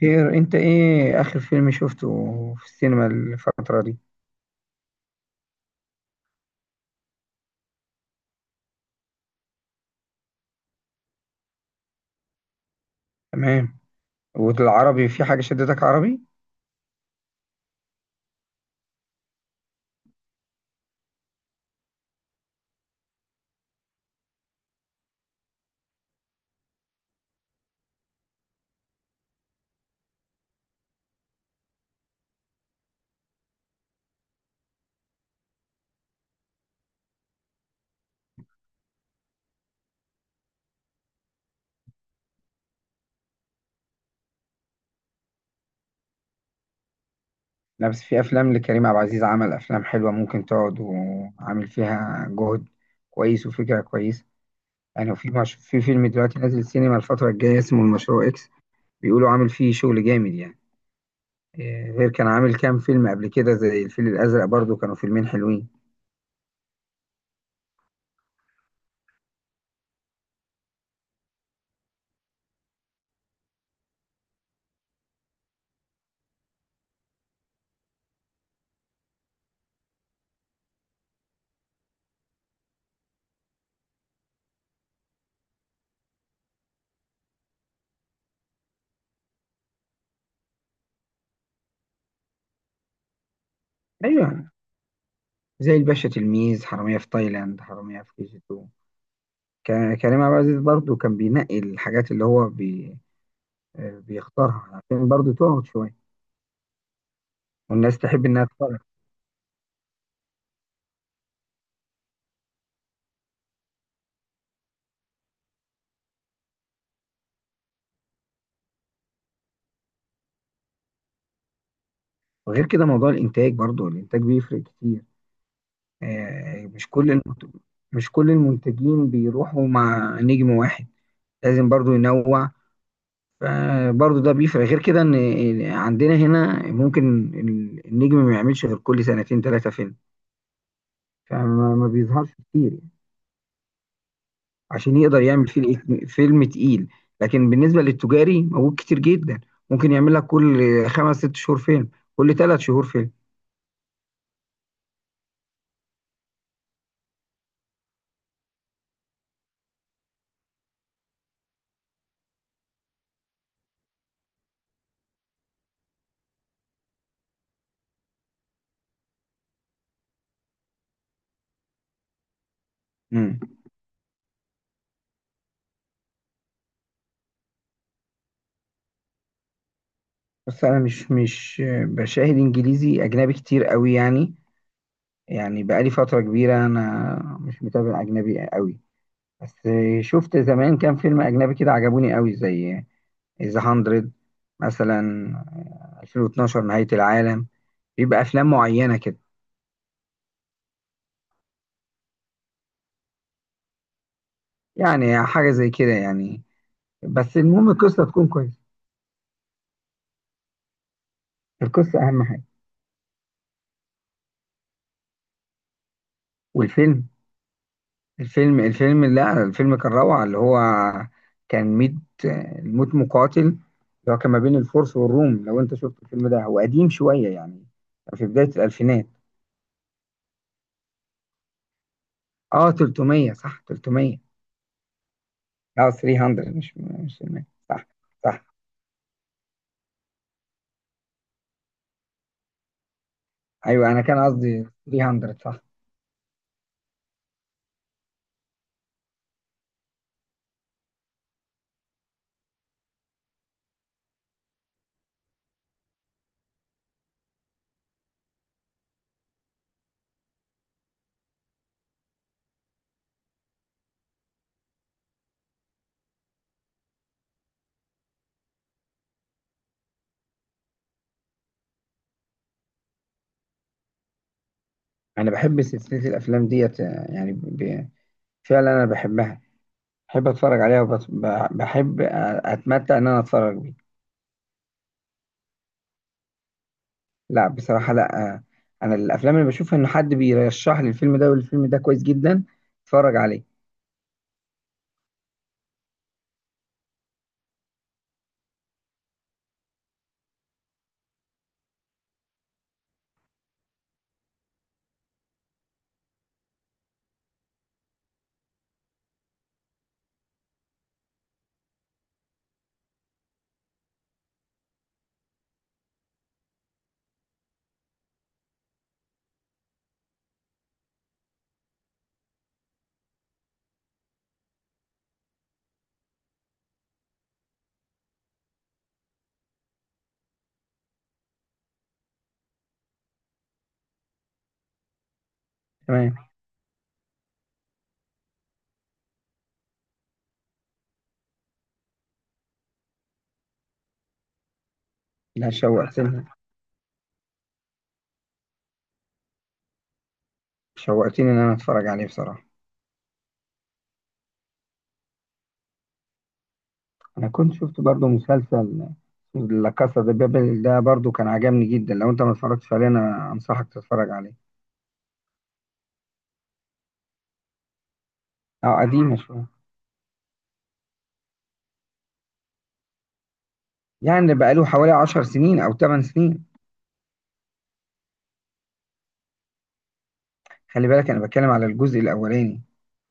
خير، انت ايه اخر فيلم شفته في السينما الفترة دي؟ تمام. والعربي في حاجة شدتك عربي؟ لا، بس في افلام لكريم عبد العزيز، عمل افلام حلوة ممكن تقعد وعامل فيها جهد كويس وفكرة كويسة يعني. وفي مش... في فيلم دلوقتي نازل السينما الفترة الجاية اسمه المشروع اكس، بيقولوا عامل فيه شغل جامد يعني. غير كان عامل كام فيلم قبل كده زي الفيل الازرق، برضو كانوا فيلمين حلوين. ايوه، زي الباشا، تلميذ، حرامية في تايلاند، حرامية في كي جي 2. كريم عبد العزيز برضو كان بينقي الحاجات اللي هو بي آه، بيختارها عشان برضو تقعد شوية والناس تحب إنها تتفرج. وغير كده موضوع الإنتاج، برضو الإنتاج بيفرق كتير. آه، مش كل المنت- مش كل المنتجين بيروحوا مع نجم واحد، لازم برضو ينوع. فبرضو ده بيفرق. غير كده إن عندنا هنا ممكن النجم ما يعملش غير كل سنتين ثلاثة فيلم، فما ما بيظهرش كتير عشان يقدر يعمل فيه فيلم تقيل. لكن بالنسبة للتجاري، موجود كتير جدا، ممكن يعمل لك كل خمس ست شهور فيلم، كل ثلاث شهور فيلم. امم. بس انا مش بشاهد انجليزي اجنبي كتير قوي يعني. يعني بقالي فترة كبيرة انا مش متابع اجنبي قوي. بس شفت زمان كام فيلم اجنبي كده عجبوني قوي، زي ذا 100 مثلا، 2012 نهاية العالم. بيبقى افلام معينة كده. يعني حاجة زي كده يعني. بس المهم القصه تكون كويسه، القصه اهم حاجه. والفيلم الفيلم الفيلم لا الفيلم كان روعه، اللي هو كان ميت، الموت مقاتل، اللي هو كان ما بين الفرس والروم. لو انت شفت الفيلم ده، هو قديم شويه يعني، كان في بدايه الالفينات. اه، 300، صح، 300. اه، 300، مش 300. صح، صح. ايوه، انا كان قصدي 300، صح. انا بحب سلسله الافلام ديت، يعني فعلا انا بحبها، بحب اتفرج عليها وبحب اتمتع ان انا اتفرج بيها. لا، بصراحة لا. أنا الأفلام اللي بشوفها إن حد بيرشح لي الفيلم ده والفيلم ده كويس جدا أتفرج عليه. تمام. لا، شوقتني، شوقتني إن أنا أتفرج عليه بصراحة. أنا كنت شفت برضو مسلسل لا كاسا دي بابل، ده برضو كان عجبني جدا. لو أنت ما اتفرجتش عليه، أنا أنصحك تتفرج عليه. أه قديم شوية، يعني بقاله حوالي عشر سنين أو تمن سنين. خلي بالك، أنا بتكلم على الجزء الأولاني.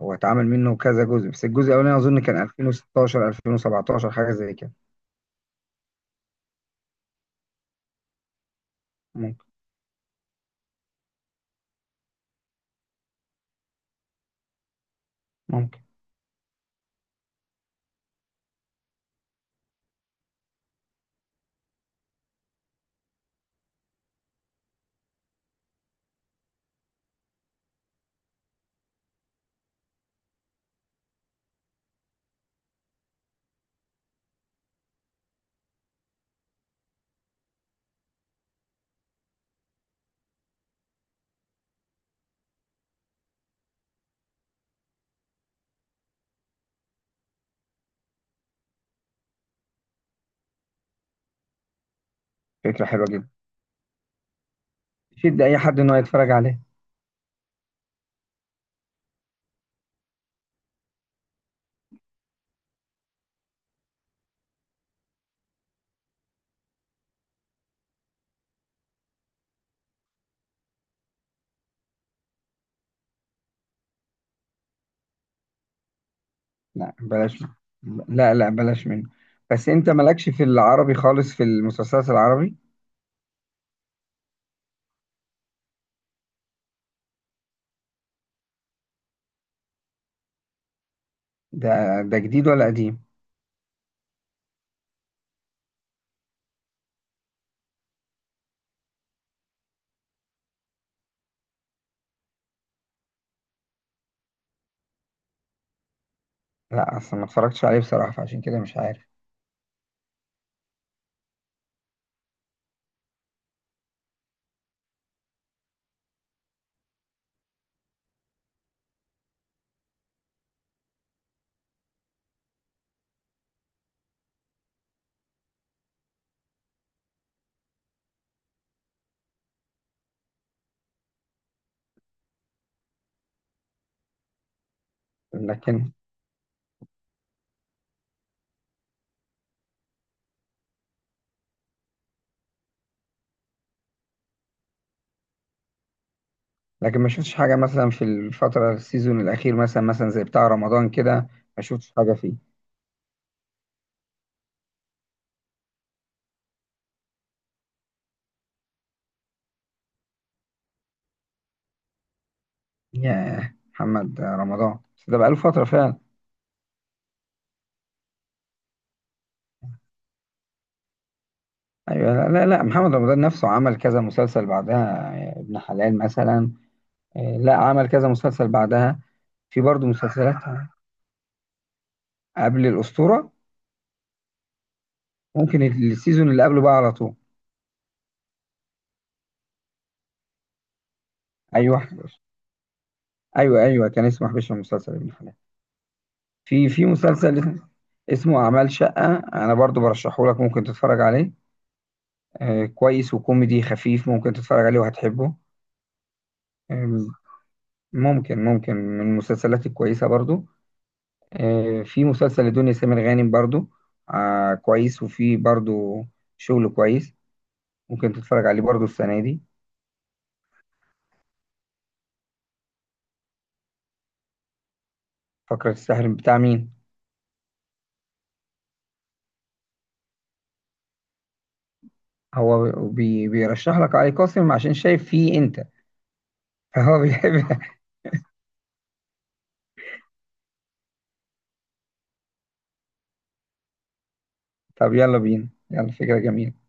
هو اتعمل منه كذا جزء، بس الجزء الأولاني أظن كان 2016 2017، حاجة زي كده. ممكن ممكن. فكرة حلوة جدا، شد أي حد إن هو يتفرج عليه. لا، بلاش منه. لا، لا، بلاش منه. بس أنت مالكش في العربي خالص، في المسلسلات العربي. ده ده جديد ولا قديم؟ لا، أصلا ما اتفرجتش عليه بصراحة، فعشان كده مش عارف. لكن لكن ما شفتش حاجة، مثلا في الفترة السيزون الأخير، مثلا زي بتاع رمضان كده، ما شفتش حاجة فيه. ياه، محمد رمضان، بس ده بقاله فترة فعلا. أيوة، لا، لا، لا، محمد رمضان نفسه عمل كذا مسلسل بعدها. ابن حلال مثلا. لا عمل كذا مسلسل بعدها. في برضه مسلسلات قبل الأسطورة. ممكن السيزون اللي قبله بقى على طول. أيوه، حبيش. أيوه، أيوه، كان اسمه حبيش المسلسل ابن حلال. في مسلسل اسمه أعمال شقة، أنا برضه برشحه لك، ممكن تتفرج عليه. آه كويس وكوميدي خفيف، ممكن تتفرج عليه وهتحبه. آه. ممكن من المسلسلات الكويسة برضه. آه، في مسلسل لدنيا سمير غانم برضه، آه كويس وفي برضه شغل كويس، ممكن تتفرج عليه برضه السنة دي. فقرة السحر بتاع مين؟ هو بيرشح لك علي قاسم عشان شايف فيه انت. فهو بيحب. طب يلا بينا، يلا، فكرة جميلة.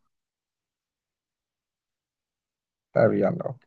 طب يلا.